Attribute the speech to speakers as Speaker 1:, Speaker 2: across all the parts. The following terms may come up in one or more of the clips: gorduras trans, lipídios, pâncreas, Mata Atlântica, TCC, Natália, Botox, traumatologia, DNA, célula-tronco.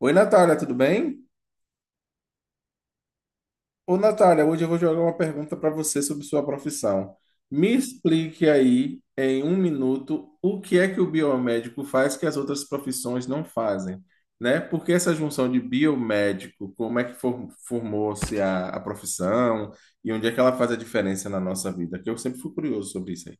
Speaker 1: Oi, Natália, tudo bem? Ô, Natália, hoje eu vou jogar uma pergunta para você sobre sua profissão. Me explique aí, em um minuto, o que é que o biomédico faz que as outras profissões não fazem, né? Por que essa junção de biomédico? Como é que formou-se a profissão e onde é que ela faz a diferença na nossa vida? Que eu sempre fui curioso sobre isso aí.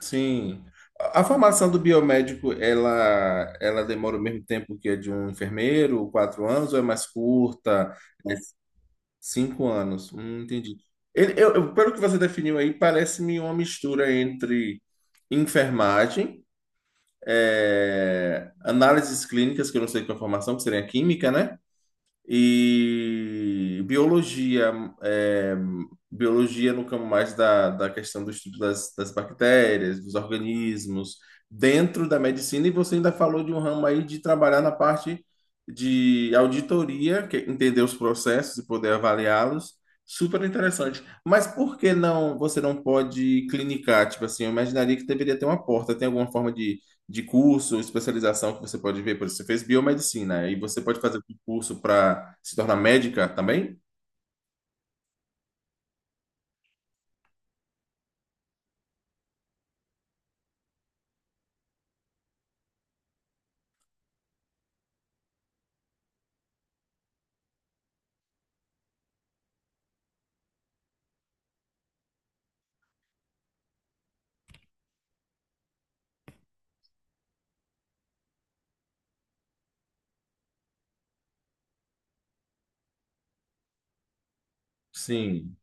Speaker 1: Sim. A formação do biomédico, ela demora o mesmo tempo que a de um enfermeiro, 4 anos, ou é mais curta? 5 anos. Entendi. Pelo que você definiu aí, parece-me uma mistura entre enfermagem, análises clínicas, que eu não sei qual é a formação, que seria química, né? E biologia, é, biologia no campo mais da questão do estudo das bactérias, dos organismos, dentro da medicina, e você ainda falou de um ramo aí de trabalhar na parte de auditoria, que é entender os processos e poder avaliá-los. Super interessante. Mas por que não, você não pode clinicar? Tipo assim, eu imaginaria que deveria ter uma porta. Tem alguma forma de curso, especialização que você pode ver. Por exemplo, você fez biomedicina e você pode fazer um curso para se tornar médica também? Sim,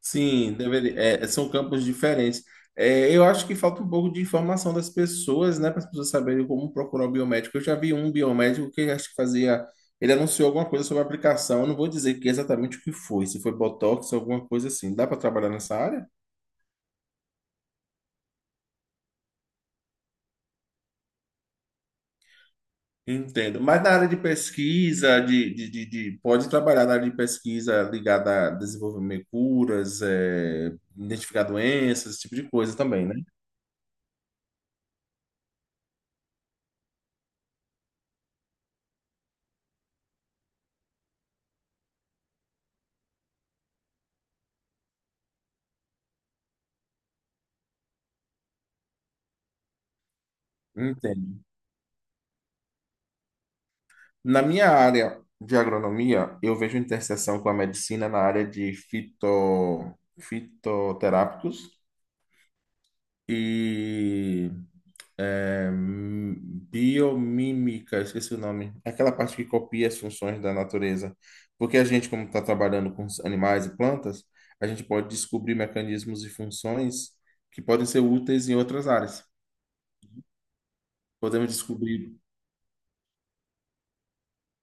Speaker 1: sim, deveria, é, são campos diferentes. É, eu acho que falta um pouco de informação das pessoas, né, para as pessoas saberem como procurar o biomédico. Eu já vi um biomédico que acho que fazia, ele anunciou alguma coisa sobre a aplicação. Eu não vou dizer que exatamente o que foi, se foi botox, ou alguma coisa assim. Dá para trabalhar nessa área? Entendo. Mas na área de pesquisa, pode trabalhar na área de pesquisa ligada a desenvolvimento de curas, é, identificar doenças, esse tipo de coisa também, né? Entendo. Na minha área de agronomia, eu vejo interseção com a medicina na área de fitoterápicos e É, hum, biomímica, esqueci o nome. É aquela parte que copia as funções da natureza. Porque a gente, como está trabalhando com os animais e plantas, a gente pode descobrir mecanismos e funções que podem ser úteis em outras áreas. Podemos descobrir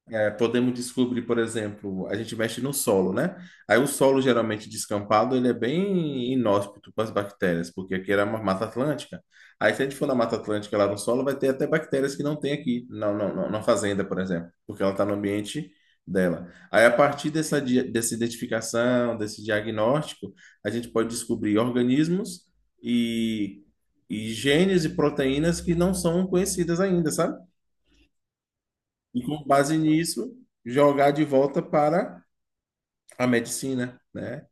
Speaker 1: É, podemos descobrir, por exemplo, a gente mexe no solo, né? Aí o solo geralmente descampado, ele é bem inóspito para as bactérias, porque aqui era uma Mata Atlântica. Aí se a gente for na Mata Atlântica lá no solo, vai ter até bactérias que não tem aqui, na fazenda, por exemplo, porque ela está no ambiente dela. Aí a partir dessa identificação, desse diagnóstico, a gente pode descobrir organismos e, e genes e proteínas que não são conhecidas ainda, sabe? E com base nisso jogar de volta para a medicina, né?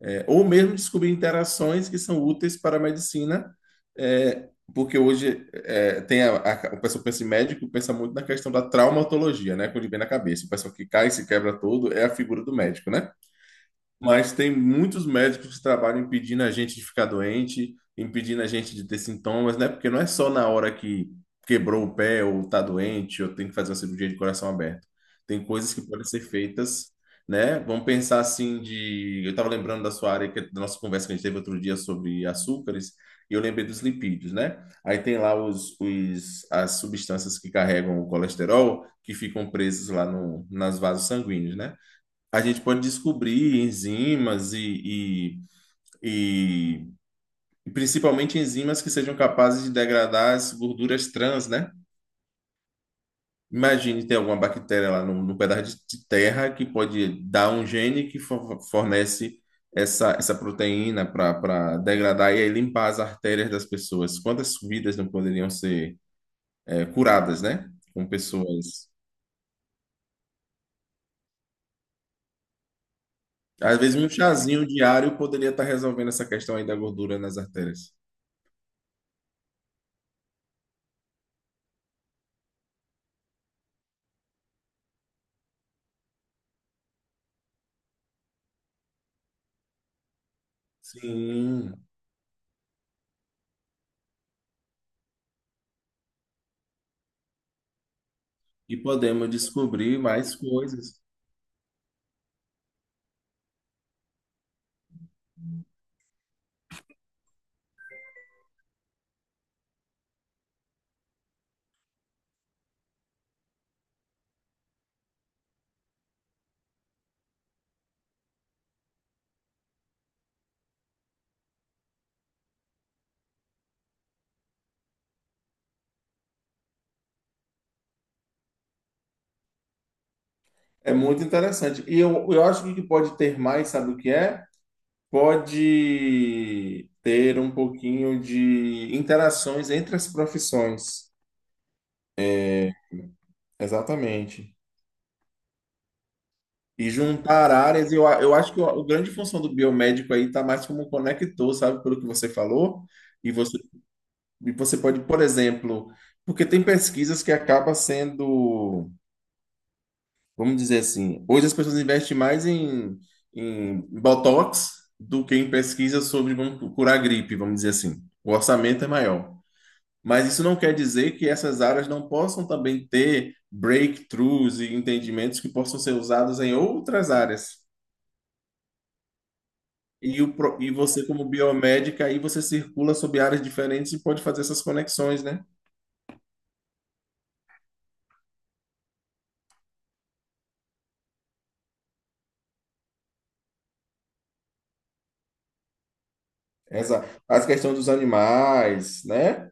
Speaker 1: É, ou mesmo descobrir interações que são úteis para a medicina, é, porque hoje é, tem o pessoal pensa em médico, pensa muito na questão da traumatologia, né? Quando ele vem na cabeça, o pessoal que cai e se quebra todo é a figura do médico, né? Mas tem muitos médicos que trabalham impedindo a gente de ficar doente, impedindo a gente de ter sintomas, né? Porque não é só na hora que quebrou o pé ou tá doente ou tem que fazer uma cirurgia de coração aberto. Tem coisas que podem ser feitas, né? Vamos pensar assim de... Eu estava lembrando da sua área, que, é da nossa conversa que a gente teve outro dia sobre açúcares, e eu lembrei dos lipídios, né? Aí tem lá as substâncias que carregam o colesterol, que ficam presas lá no, nas vasos sanguíneos, né? A gente pode descobrir enzimas e, e principalmente enzimas que sejam capazes de degradar as gorduras trans, né? Imagine ter alguma bactéria lá no, no pedaço de terra que pode dar um gene que fornece essa proteína para degradar e aí limpar as artérias das pessoas. Quantas vidas não poderiam ser curadas, né? Com pessoas. Às vezes um chazinho diário poderia estar resolvendo essa questão aí da gordura nas artérias. Sim. E podemos descobrir mais coisas. É muito interessante. E eu acho que o que pode ter mais, sabe o que é? Pode ter um pouquinho de interações entre as profissões. Exatamente. E juntar áreas. Eu acho que a grande função do biomédico aí está mais como um conector, sabe? Pelo que você falou. E você, e você pode, por exemplo, porque tem pesquisas que acaba sendo vamos dizer assim, hoje as pessoas investem mais em Botox do que em pesquisa sobre como curar gripe, vamos dizer assim. O orçamento é maior. Mas isso não quer dizer que essas áreas não possam também ter breakthroughs e entendimentos que possam ser usados em outras áreas. E você, como biomédica, aí você circula sobre áreas diferentes e pode fazer essas conexões, né? Essa, as questões dos animais, né?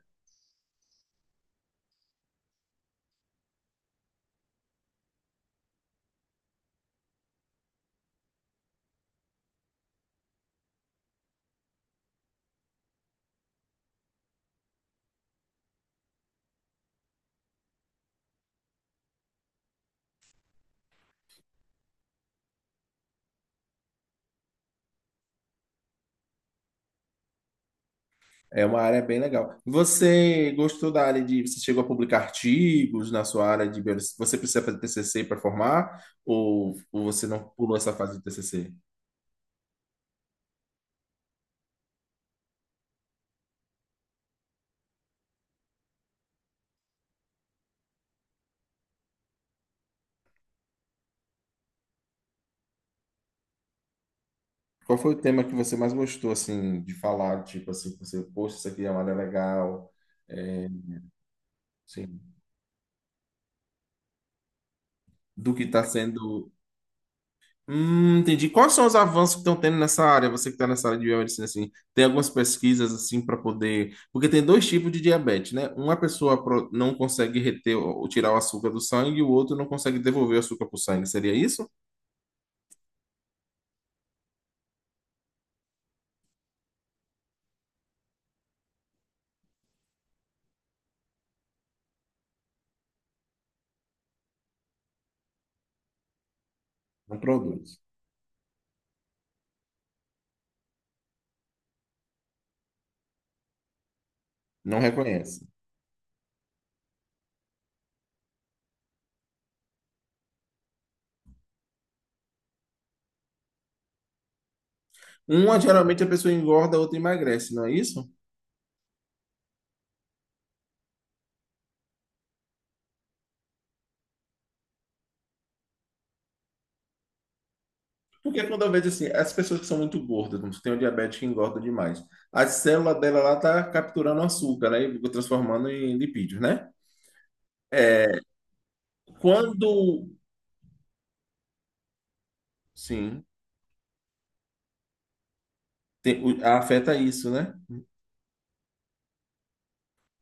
Speaker 1: É uma área bem legal. Você gostou da área de. Você chegou a publicar artigos na sua área de. Você precisa fazer TCC para formar? Ou você não pulou essa fase de TCC? Qual foi o tema que você mais gostou, assim, de falar? Tipo assim, que você, poxa, isso aqui é uma área legal. É, sim. Do que está sendo entendi. Quais são os avanços que estão tendo nessa área? Você que está nessa área de biomedicina, assim, tem algumas pesquisas assim para poder. Porque tem dois tipos de diabetes, né? Uma pessoa não consegue reter ou tirar o açúcar do sangue, e o outro não consegue devolver o açúcar para o sangue. Seria isso? Não produz. Não reconhece. Uma geralmente a pessoa engorda, a outra emagrece, não é isso? Porque quando eu vejo assim, as pessoas que são muito gordas, como tem o diabetes que engorda demais, a célula dela lá tá capturando açúcar, né? E transformando em lipídios, né? Quando Sim, afeta isso, né?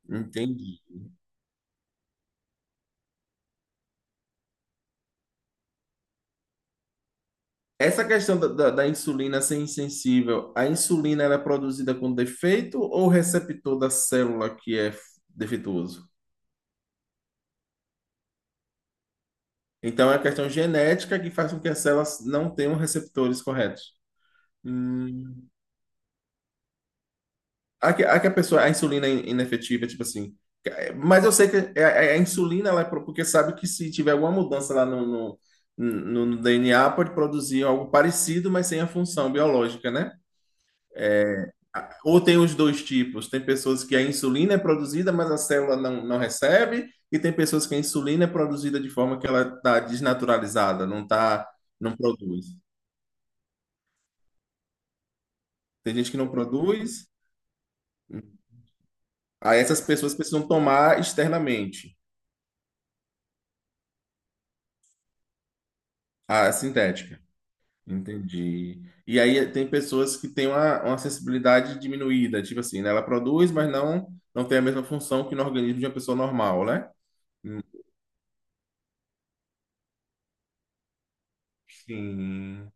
Speaker 1: Entendi. Essa questão da insulina ser insensível, a insulina ela é produzida com defeito ou o receptor da célula que é defeituoso? Então é a questão genética que faz com que as células não tenham receptores corretos. Hum. A que a pessoa, a insulina é inefetiva, tipo assim. É, mas eu sei que insulina, ela é porque sabe que se tiver alguma mudança lá no DNA, pode produzir algo parecido, mas sem a função biológica, né? Ou tem os dois tipos? Tem pessoas que a insulina é produzida, mas a célula não recebe, e tem pessoas que a insulina é produzida de forma que ela está desnaturalizada, não tá, não produz. Tem gente que não produz, aí essas pessoas precisam tomar externamente a sintética. Entendi. E aí tem pessoas que têm uma sensibilidade diminuída, tipo assim, né? Ela produz, mas não tem a mesma função que no organismo de uma pessoa normal, né? Sim.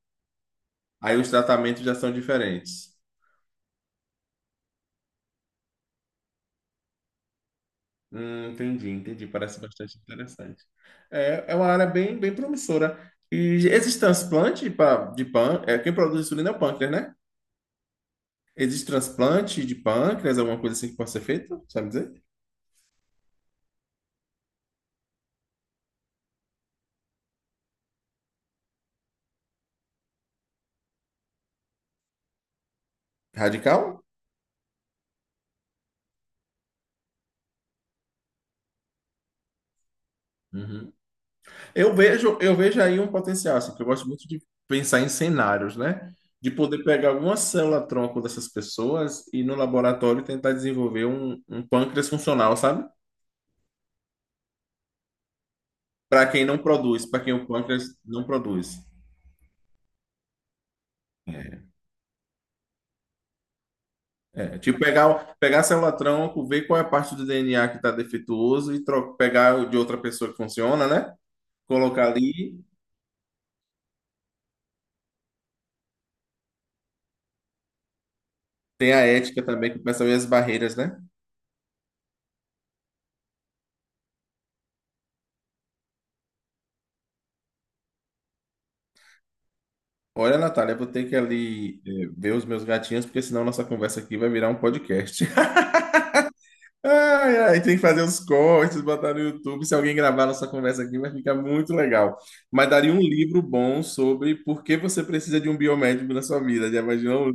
Speaker 1: Aí os tratamentos já são diferentes. Entendi, entendi. Parece bastante interessante. É, é uma área bem, bem promissora. E existe transplante pra, de pâncreas? É, quem produz insulina é o pâncreas, né? Existe transplante de pâncreas, alguma coisa assim que possa ser feita? Sabe dizer? Radical? Uhum. Eu vejo aí um potencial, assim, que eu gosto muito de pensar em cenários, né? De poder pegar alguma célula-tronco dessas pessoas e no laboratório tentar desenvolver um pâncreas funcional, sabe? Para quem não produz, para quem o pâncreas não produz. É, pegar célula tronco, ver qual é a parte do DNA que está defeituoso e pegar o de outra pessoa que funciona, né? Colocar ali. Tem a ética também, que começa a ver as barreiras, né? Olha, Natália, eu vou ter que ali ver os meus gatinhos, porque senão nossa conversa aqui vai virar um podcast. Ai, ai, tem que fazer os cortes, botar no YouTube. Se alguém gravar nossa conversa aqui, vai ficar muito legal. Mas daria um livro bom sobre por que você precisa de um biomédico na sua vida. Já imaginou?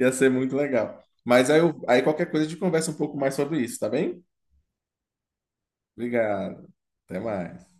Speaker 1: Ia ser muito legal. Mas aí, aí qualquer coisa a gente conversa um pouco mais sobre isso, tá bem? Obrigado. Até mais.